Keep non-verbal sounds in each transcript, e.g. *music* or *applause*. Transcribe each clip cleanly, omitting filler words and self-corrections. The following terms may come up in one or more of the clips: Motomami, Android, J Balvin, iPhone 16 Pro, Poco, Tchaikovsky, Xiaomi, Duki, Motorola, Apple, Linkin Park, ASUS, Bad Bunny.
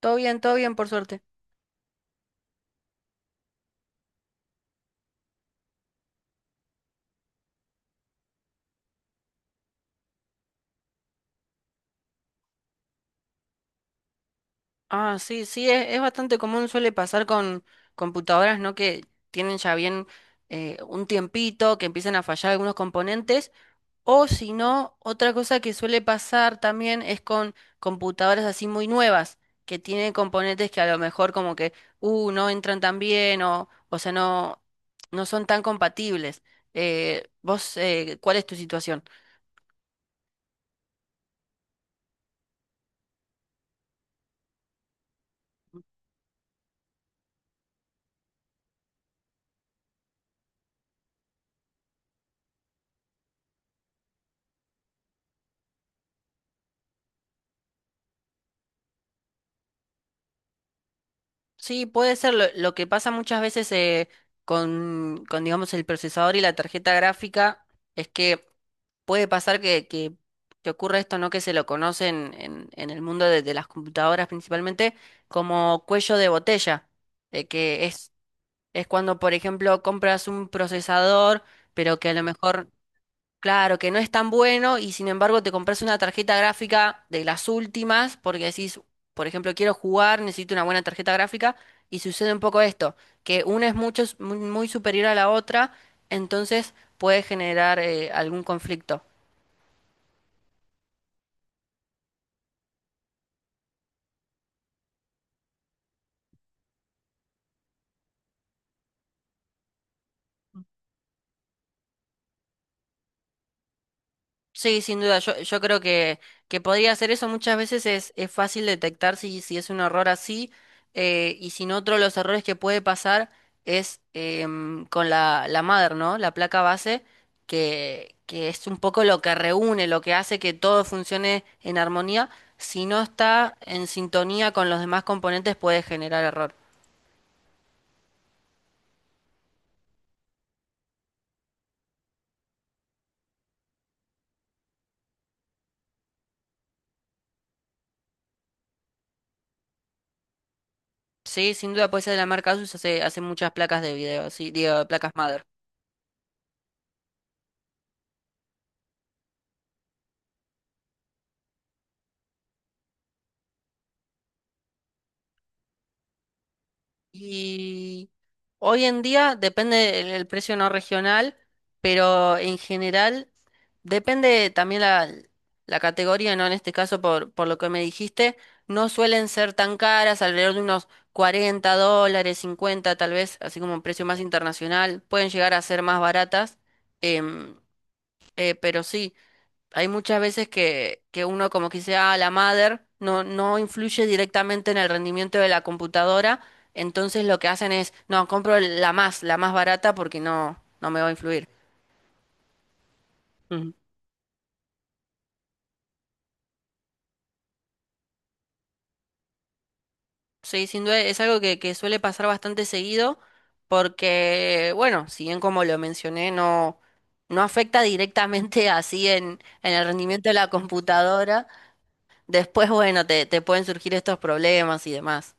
Todo bien, por suerte. Ah, sí, sí, es bastante común, suele pasar con computadoras, ¿no? Que tienen ya bien un tiempito, que empiezan a fallar algunos componentes. O si no, otra cosa que suele pasar también es con computadoras así muy nuevas, que tienen componentes que a lo mejor como que, no entran tan bien o sea, no, no son tan compatibles. Vos, ¿cuál es tu situación? Sí, puede ser lo que pasa muchas veces con, digamos, el procesador y la tarjeta gráfica, es que puede pasar que ocurra esto, ¿no? Que se lo conocen en el mundo de las computadoras principalmente como cuello de botella, que es cuando, por ejemplo, compras un procesador, pero que a lo mejor. Claro, que no es tan bueno y sin embargo te compras una tarjeta gráfica de las últimas porque decís, por ejemplo, quiero jugar, necesito una buena tarjeta gráfica y sucede un poco esto, que una es mucho, muy muy superior a la otra, entonces puede generar algún conflicto. Sí, sin duda, yo creo que podría hacer eso. Muchas veces es fácil detectar si es un error así y sin otro los errores que puede pasar es con la mother, ¿no? La placa base, que es un poco lo que reúne, lo que hace que todo funcione en armonía. Si no está en sintonía con los demás componentes puede generar error. Sí, sin duda, puede ser de la marca ASUS hace, hace muchas placas de video, sí, digo, placas mother. Y hoy en día depende el precio no regional, pero en general depende también la categoría, ¿no? En este caso, por lo que me dijiste, no suelen ser tan caras, alrededor de unos $40, 50 tal vez, así como un precio más internacional, pueden llegar a ser más baratas, em, pero sí hay muchas veces que uno como que sea la madre, no, no influye directamente en el rendimiento de la computadora, entonces lo que hacen es, no, compro la más barata porque no, no me va a influir. Ujú. Sí, sin duda es algo que suele pasar bastante seguido porque, bueno, si bien como lo mencioné, no, no afecta directamente *laughs* así en el rendimiento de la computadora, después, bueno, te pueden surgir estos problemas y demás.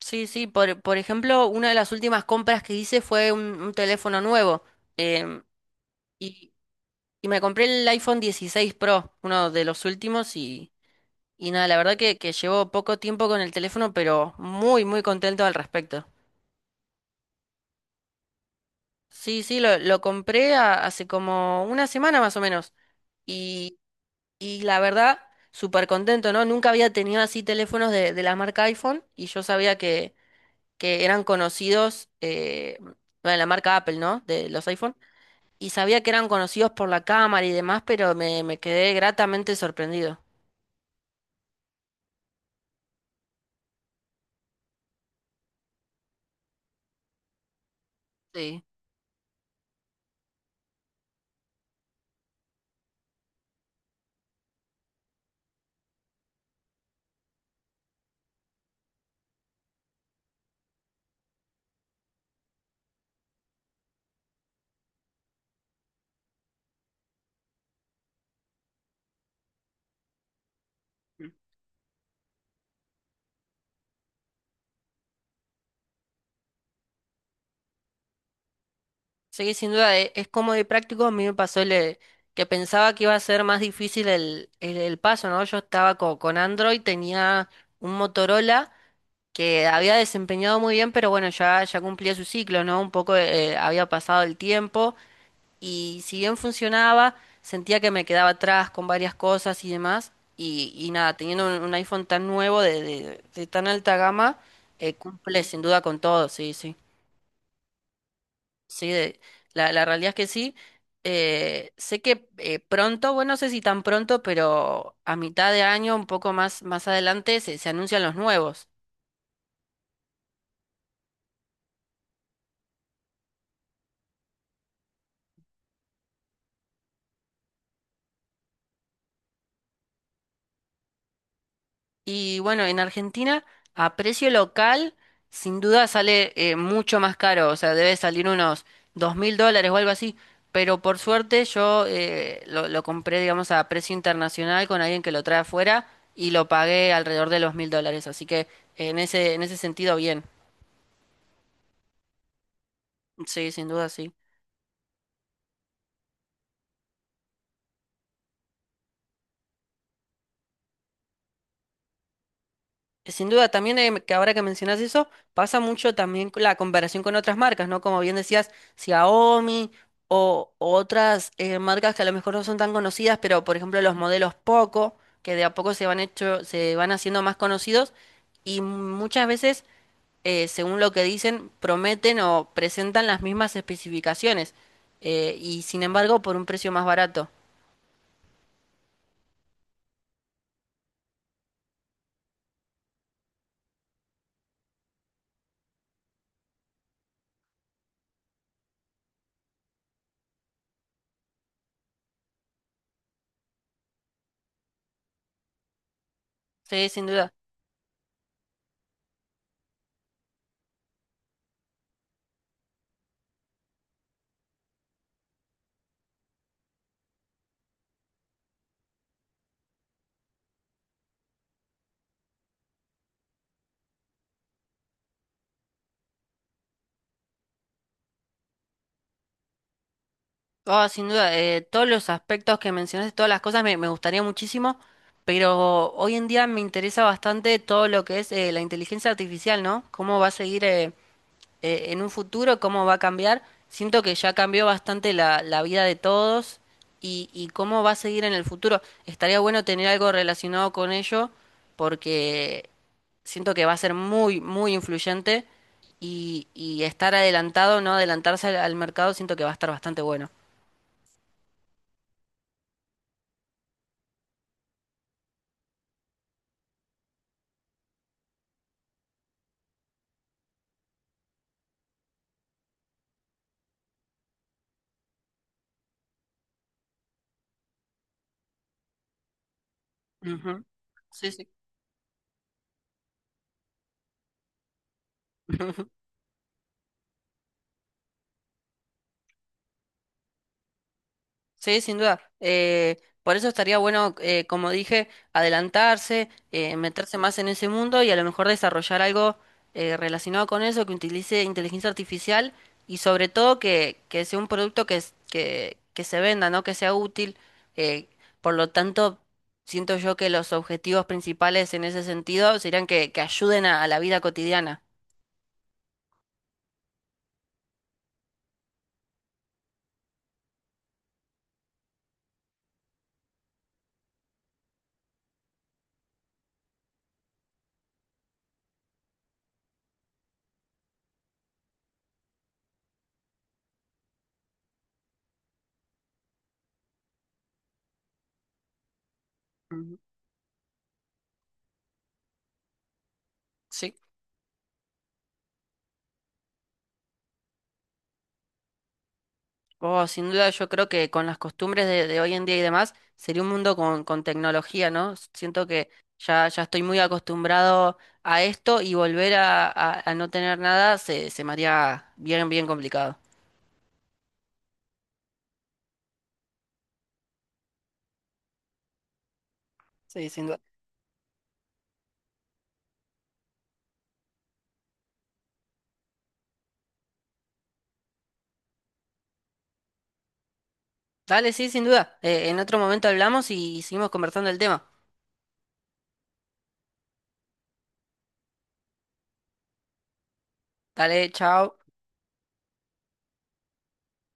Sí, sí, por ejemplo, una de las últimas compras que hice fue un teléfono nuevo. em, y, y me compré el iPhone 16 Pro, uno de los últimos, y nada, la verdad que llevo poco tiempo con el teléfono, pero muy, muy contento al respecto. Sí, sí, lo compré hace como una semana más o menos. Y, y la verdad, súper contento, ¿no? Nunca había tenido así teléfonos de la marca iPhone y yo sabía que eran conocidos, bueno, la marca Apple, ¿no? De los iPhone y sabía que eran conocidos por la cámara y demás, pero me quedé gratamente sorprendido. Sí. Sí, sin duda, es, cómodo y práctico. A mí me pasó el, que pensaba que iba a ser más difícil el, el paso, ¿no? Yo estaba con, Android, tenía un Motorola que había desempeñado muy bien, pero bueno, ya, ya cumplía su ciclo, ¿no? Un poco había pasado el tiempo. Y si bien funcionaba, sentía que me quedaba atrás con varias cosas y demás. Y nada, teniendo un iPhone tan nuevo, de, de tan alta gama, cumple sin duda con todo, sí, sí. Sí, la, la realidad es que sí. Sé que pronto, bueno, no sé si tan pronto, pero a mitad de año, un poco más, más adelante, se anuncian los nuevos. Y bueno, en Argentina, a precio local, sin duda sale mucho más caro, o sea, debe salir unos $2000 o algo así, pero por suerte yo lo compré, digamos, a precio internacional con alguien que lo trae afuera y lo pagué alrededor de los $1000, así que en ese sentido, bien, sí. Sin duda, también que ahora que mencionas eso, pasa mucho también con la comparación con otras marcas, ¿no? Como bien decías, Xiaomi o otras marcas que a lo mejor no son tan conocidas, pero por ejemplo los modelos Poco, que de a poco se van hecho, se van haciendo más conocidos y muchas veces, según lo que dicen, prometen o presentan las mismas especificaciones y sin embargo por un precio más barato. Sí, sin duda. Oh, sin duda, todos los aspectos que mencionaste, todas las cosas me, me gustaría muchísimo, pero hoy en día me interesa bastante todo lo que es la inteligencia artificial, ¿no? ¿Cómo va a seguir en un futuro? ¿Cómo va a cambiar? Siento que ya cambió bastante la, la vida de todos y cómo va a seguir en el futuro. Estaría bueno tener algo relacionado con ello porque siento que va a ser muy, muy influyente y estar adelantado, no adelantarse al mercado, siento que va a estar bastante bueno. Ujú. Sí, sí. *laughs* Ujú. Sí, sin duda. Por eso estaría bueno, como dije, adelantarse, meterse más en ese mundo y a lo mejor desarrollar algo relacionado con eso, que utilice inteligencia artificial y sobre todo que sea un producto que, que se venda, ¿no? Que sea útil. Eh, por lo tanto, siento yo que los objetivos principales en ese sentido serían que ayuden a la vida cotidiana. Ujú. Sí. Oh, sin duda, yo creo que con las costumbres de hoy en día y demás, sería un mundo con tecnología, ¿no? Siento que ya, ya estoy muy acostumbrado a esto y volver a, a no tener nada se, se me haría bien, bien complicado. Sí, sin duda. Dale, sí, sin duda. En otro momento hablamos y seguimos conversando el tema. Dale, chao.